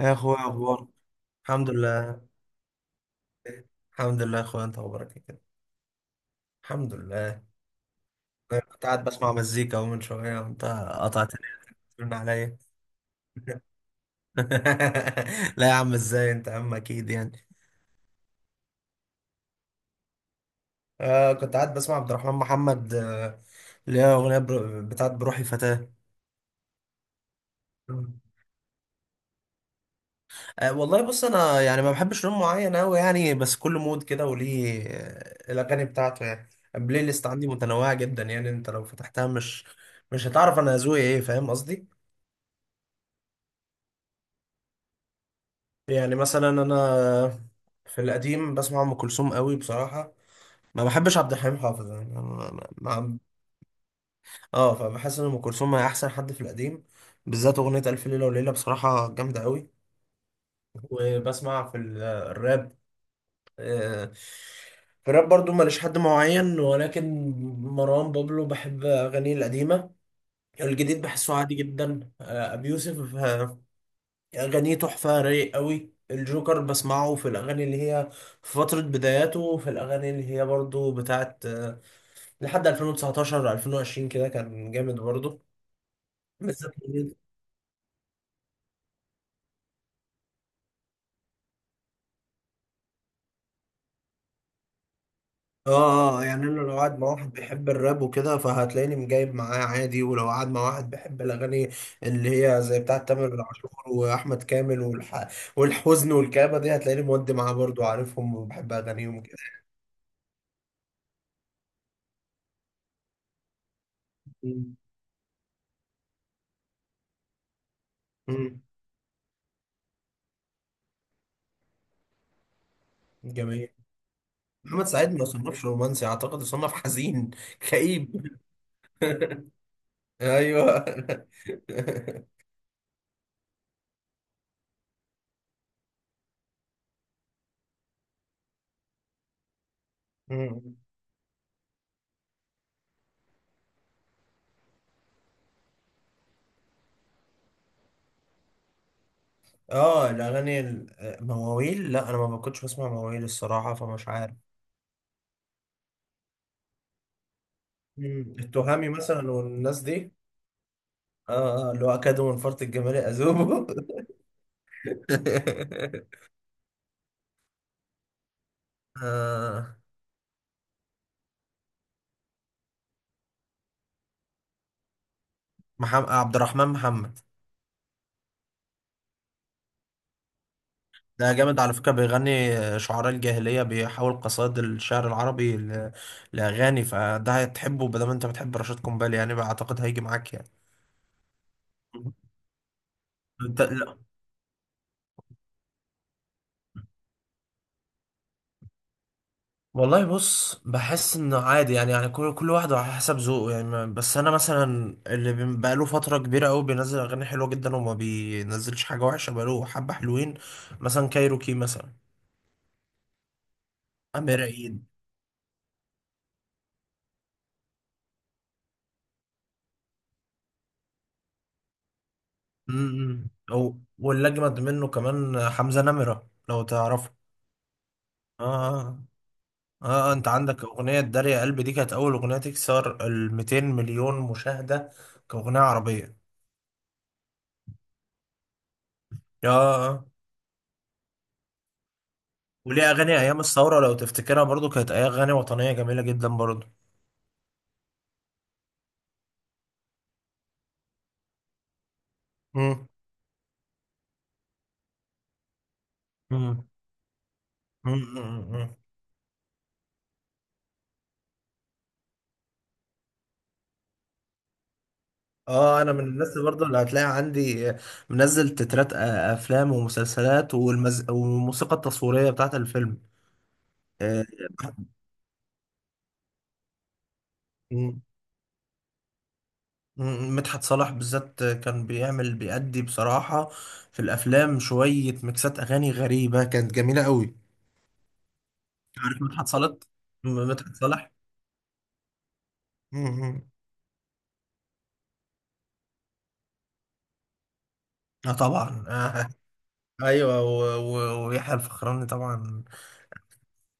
يا اخويا، اخبارك. الحمد لله. الحمد لله يا اخويا، انت اخبارك إيه كده؟ الحمد لله. انا كنت قاعد بسمع مزيكا اهو من شويه، وانت قطعت التليفون عليا. لا يا عم، ازاي؟ انت يا عم اكيد يعني. كنت قاعد بسمع عبد الرحمن محمد، اللي هي اغنيه بتاعت بروحي فتاه. مم. والله بص، انا يعني ما بحبش لون معين قوي يعني، بس كل مود كده وليه، الاغاني بتاعته يعني. البلاي ليست عندي متنوعه جدا يعني، انت لو فتحتها مش هتعرف انا ذوقي ايه. فاهم قصدي؟ يعني مثلا، انا في القديم بسمع ام كلثوم قوي بصراحه. ما بحبش عبد الحليم حافظ يعني. أنا ما ما- اه، فبحس ان ام كلثوم هي احسن حد في القديم، بالذات اغنيه الف ليله وليله بصراحه جامده قوي. وبسمع في الراب. آه، في الراب برضو ماليش حد معين، ولكن مروان بابلو بحب اغانيه القديمه. الجديد بحسه عادي جدا. ابي يوسف، أغانيه تحفة، رايق قوي. الجوكر بسمعه في الأغاني اللي هي في فترة بداياته، وفي الأغاني اللي هي برضو بتاعت، لحد 2019 2020 كده كان جامد برضو. بالذات الأغنية- اه، يعني أنا لو قاعد مع واحد بيحب الراب وكده، فهتلاقيني مجايب معاه عادي. ولو قاعد مع واحد بيحب الأغاني اللي هي زي بتاعت تامر عاشور وأحمد كامل والحزن والكآبة دي، هتلاقيني مودي معاه برضو، عارفهم وبحب أغانيهم كده. مم. مم. جميل. محمد سعيد ما يصنفش رومانسي، اعتقد يصنف حزين، كئيب. ايوه. مم. اه، الاغاني مواويل، لا انا ما كنتش بسمع مواويل الصراحه، فمش عارف. مم. التهامي مثلا والناس دي. اه اه، اللي هو اكادوا من فرط الجمال اذوبه. آه. محمد عبد الرحمن محمد. ده جامد على فكرة، بيغني شعراء الجاهلية، بيحاول قصائد الشعر العربي لأغاني. فده هتحبه بدل ما انت بتحب رشاد قنبلي يعني، أعتقد هيجي معاك يعني. انت لا. والله بص، بحس انه عادي يعني، يعني كل واحد على حسب ذوقه يعني. بس انا مثلا اللي بقاله فتره كبيره قوي بينزل اغاني حلوه جدا، وما بينزلش حاجه وحشه، بقاله حبه حلوين. مثلا كايروكي مثلا. امير عيد. او واللي اجمد منه كمان حمزه نمره لو تعرفه. اه اه، انت عندك اغنية داريا يا قلبي؟ دي كانت اول اغنية تكسر ال 200 مليون مشاهدة كاغنية عربية. اه آه. وليه اغاني ايام الثورة لو تفتكرها، برضو كانت اغاني وطنية جميلة جدا برضو. مم. مم. مم. مم. مم. اه، انا من الناس اللي برضو اللي هتلاقي عندي منزل تترات افلام ومسلسلات والموسيقى التصويرية بتاعت الفيلم. آه. مم، مدحت صالح بالذات كان بيعمل بيأدي بصراحة في الأفلام شوية ميكسات أغاني غريبة، كانت جميلة قوي. عارف مدحت صالح؟ مدحت صالح. مم. اه طبعا. آه. ايوه ويحيى الفخراني طبعا.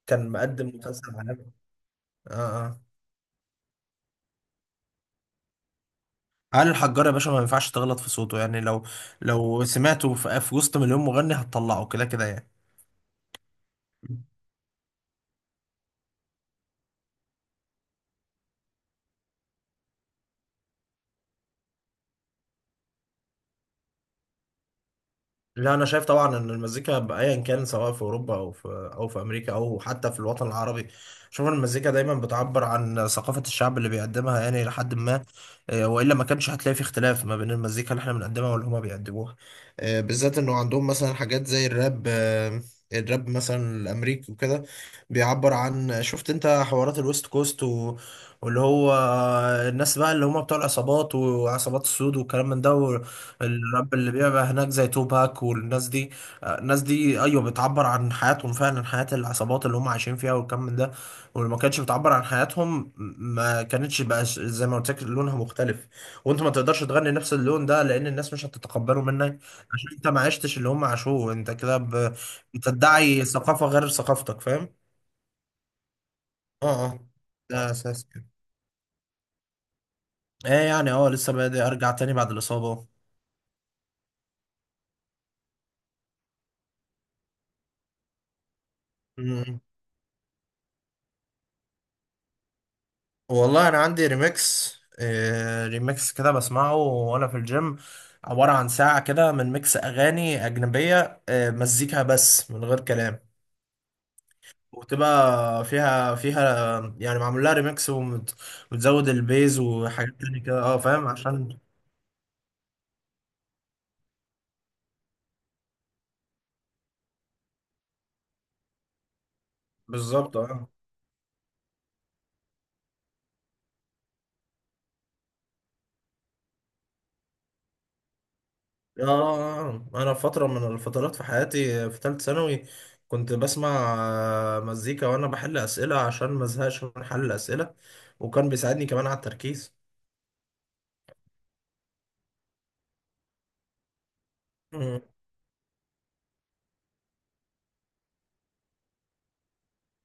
كان مقدم مسلسل عالمي. اه اه. علي الحجار يا باشا، ما ينفعش تغلط في صوته يعني. لو سمعته في وسط مليون مغني هتطلعه كده كده يعني. لا انا شايف طبعا ان المزيكا ايا كان، سواء في اوروبا او في امريكا او حتى في الوطن العربي. شوف إن المزيكا دايما بتعبر عن ثقافة الشعب اللي بيقدمها يعني الى حد ما. والا ما كانش هتلاقي في اختلاف ما بين المزيكا اللي احنا بنقدمها واللي هما بيقدموها. بالذات انه عندهم مثلا حاجات زي الراب. الراب مثلا الامريكي وكده بيعبر عن، شفت انت حوارات الويست كوست و... واللي هو الناس بقى اللي هم بتوع العصابات وعصابات السود والكلام من ده. الراب اللي بيبقى هناك زي توباك والناس دي، الناس دي ايوه، بتعبر عن حياتهم فعلا، حياة العصابات اللي هم عايشين فيها والكم من ده. ولما كانتش بتعبر عن حياتهم، ما كانتش بقى زي ما قلت لك لونها مختلف. وانت ما تقدرش تغني نفس اللون ده، لان الناس مش هتتقبله منك، عشان انت ما عشتش اللي هم عاشوه. انت كده بتدعي ثقافة غير ثقافتك. فاهم؟ اه اه، ده اساس كده. ايه يعني، اه لسه بادئ ارجع تاني بعد الإصابة. والله انا عندي ريميكس، ريميكس كده بسمعه وانا في الجيم. عبارة عن ساعة كده من ميكس اغاني اجنبية، مزيكا بس من غير كلام. وتبقى فيها يعني معمول لها ريميكس ومتزود البيز وحاجات تانية كده. اه، فاهم؟ عشان بالظبط اه. انا فترة من الفترات في حياتي في ثالث ثانوي كنت بسمع، مزيكا وانا بحل اسئلة، عشان مزهقش من حل الاسئلة، وكان بيساعدني كمان على التركيز.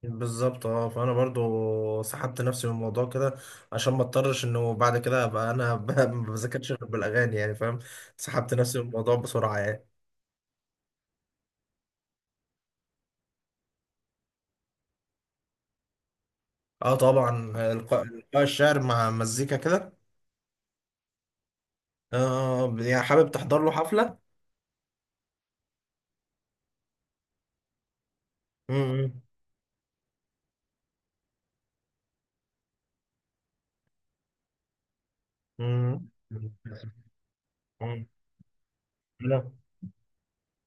بالظبط. اه، فانا برضو سحبت نفسي من الموضوع كده، عشان ما اضطرش انه بعد كده ابقى انا ما بذاكرش غير بالاغاني يعني. فاهم؟ سحبت نفسي من الموضوع بسرعه يعني. اه طبعا. إلقاء الشعر مع مزيكا كده. يعني حابب تحضر له حفله. امم، امم، أمم. لا.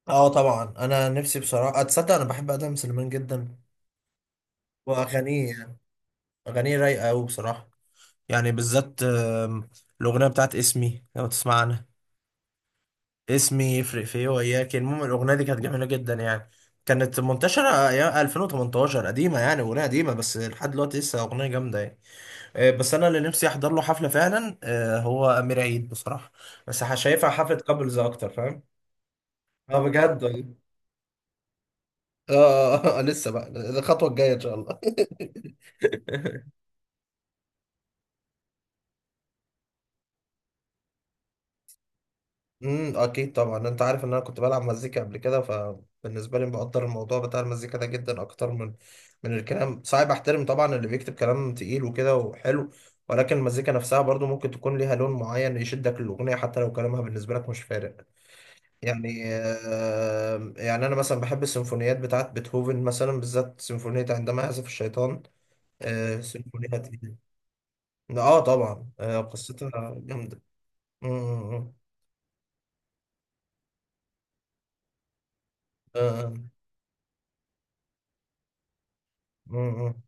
اه طبعا، انا نفسي بصراحه، اتصدق انا بحب ادم سليمان جدا، واغانيه يعني. اغانيه رايقه قوي بصراحه، يعني بالذات الاغنيه بتاعت اسمي، لو تسمع عنها. اسمي يفرق في ايه وياك. المهم الاغنيه دي كانت جميله جدا يعني، كانت منتشره ايام 2018. قديمه يعني، اغنيه قديمه، بس لحد دلوقتي لسه اغنيه جامده يعني. بس انا اللي نفسي احضر له حفله فعلا، هو امير عيد بصراحه. بس شايفها حفله كابلز اكتر. فاهم؟ اه بجد والله. اه، لسه بقى الخطوه الجايه ان شاء الله. اكيد طبعا. انت عارف ان انا كنت بلعب مزيكا قبل كده، فبالنسبه لي بقدر الموضوع بتاع المزيكا ده جدا اكتر من الكلام. صعب احترم طبعا اللي بيكتب كلام تقيل وكده وحلو، ولكن المزيكا نفسها برضو ممكن تكون ليها لون معين يشدك للاغنيه، حتى لو كلامها بالنسبه لك مش فارق. يعني يعني انا مثلا بحب السيمفونيات بتاعت بيتهوفن، مثلا بالذات سيمفونيه عندما يعزف الشيطان. سيمفونيه تقيلة. اه طبعا، آه قصتها جامده. امم، امم. امم، امم، امم.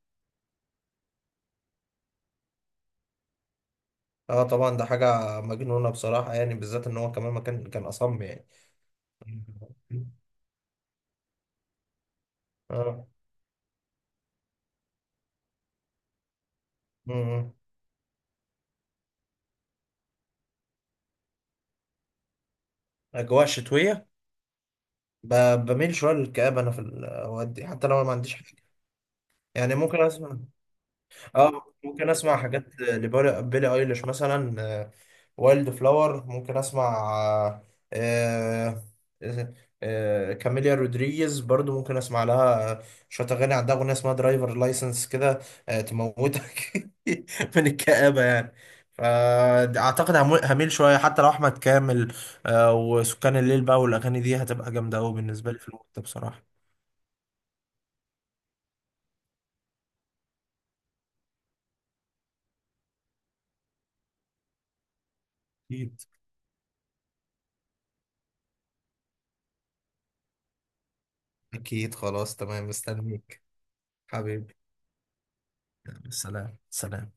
اه طبعا، ده حاجة مجنونة بصراحة يعني، بالذات ان هو كمان ما كان اصم يعني. اه. امم. اجواء شتوية. بميل شوية للكآبة، انا في الاوقات دي حتى لو أنا ما عنديش حاجة. يعني ممكن اسمع، اه ممكن اسمع حاجات لبيلي ايليش مثلا. وايلد فلاور ممكن اسمع. آه، كاميليا رودريجيز برضو ممكن اسمع لها. شويه اغاني، عندها اغنيه اسمها درايفر لايسنس كده، تموتك من الكآبه يعني. فاعتقد هميل شويه، حتى لو احمد كامل، وسكان الليل بقى. والاغاني دي هتبقى جامده قوي بالنسبه لي في الوقت ده بصراحه. أكيد. اكيد، خلاص تمام، مستنيك. حبيبي. سلام، سلام.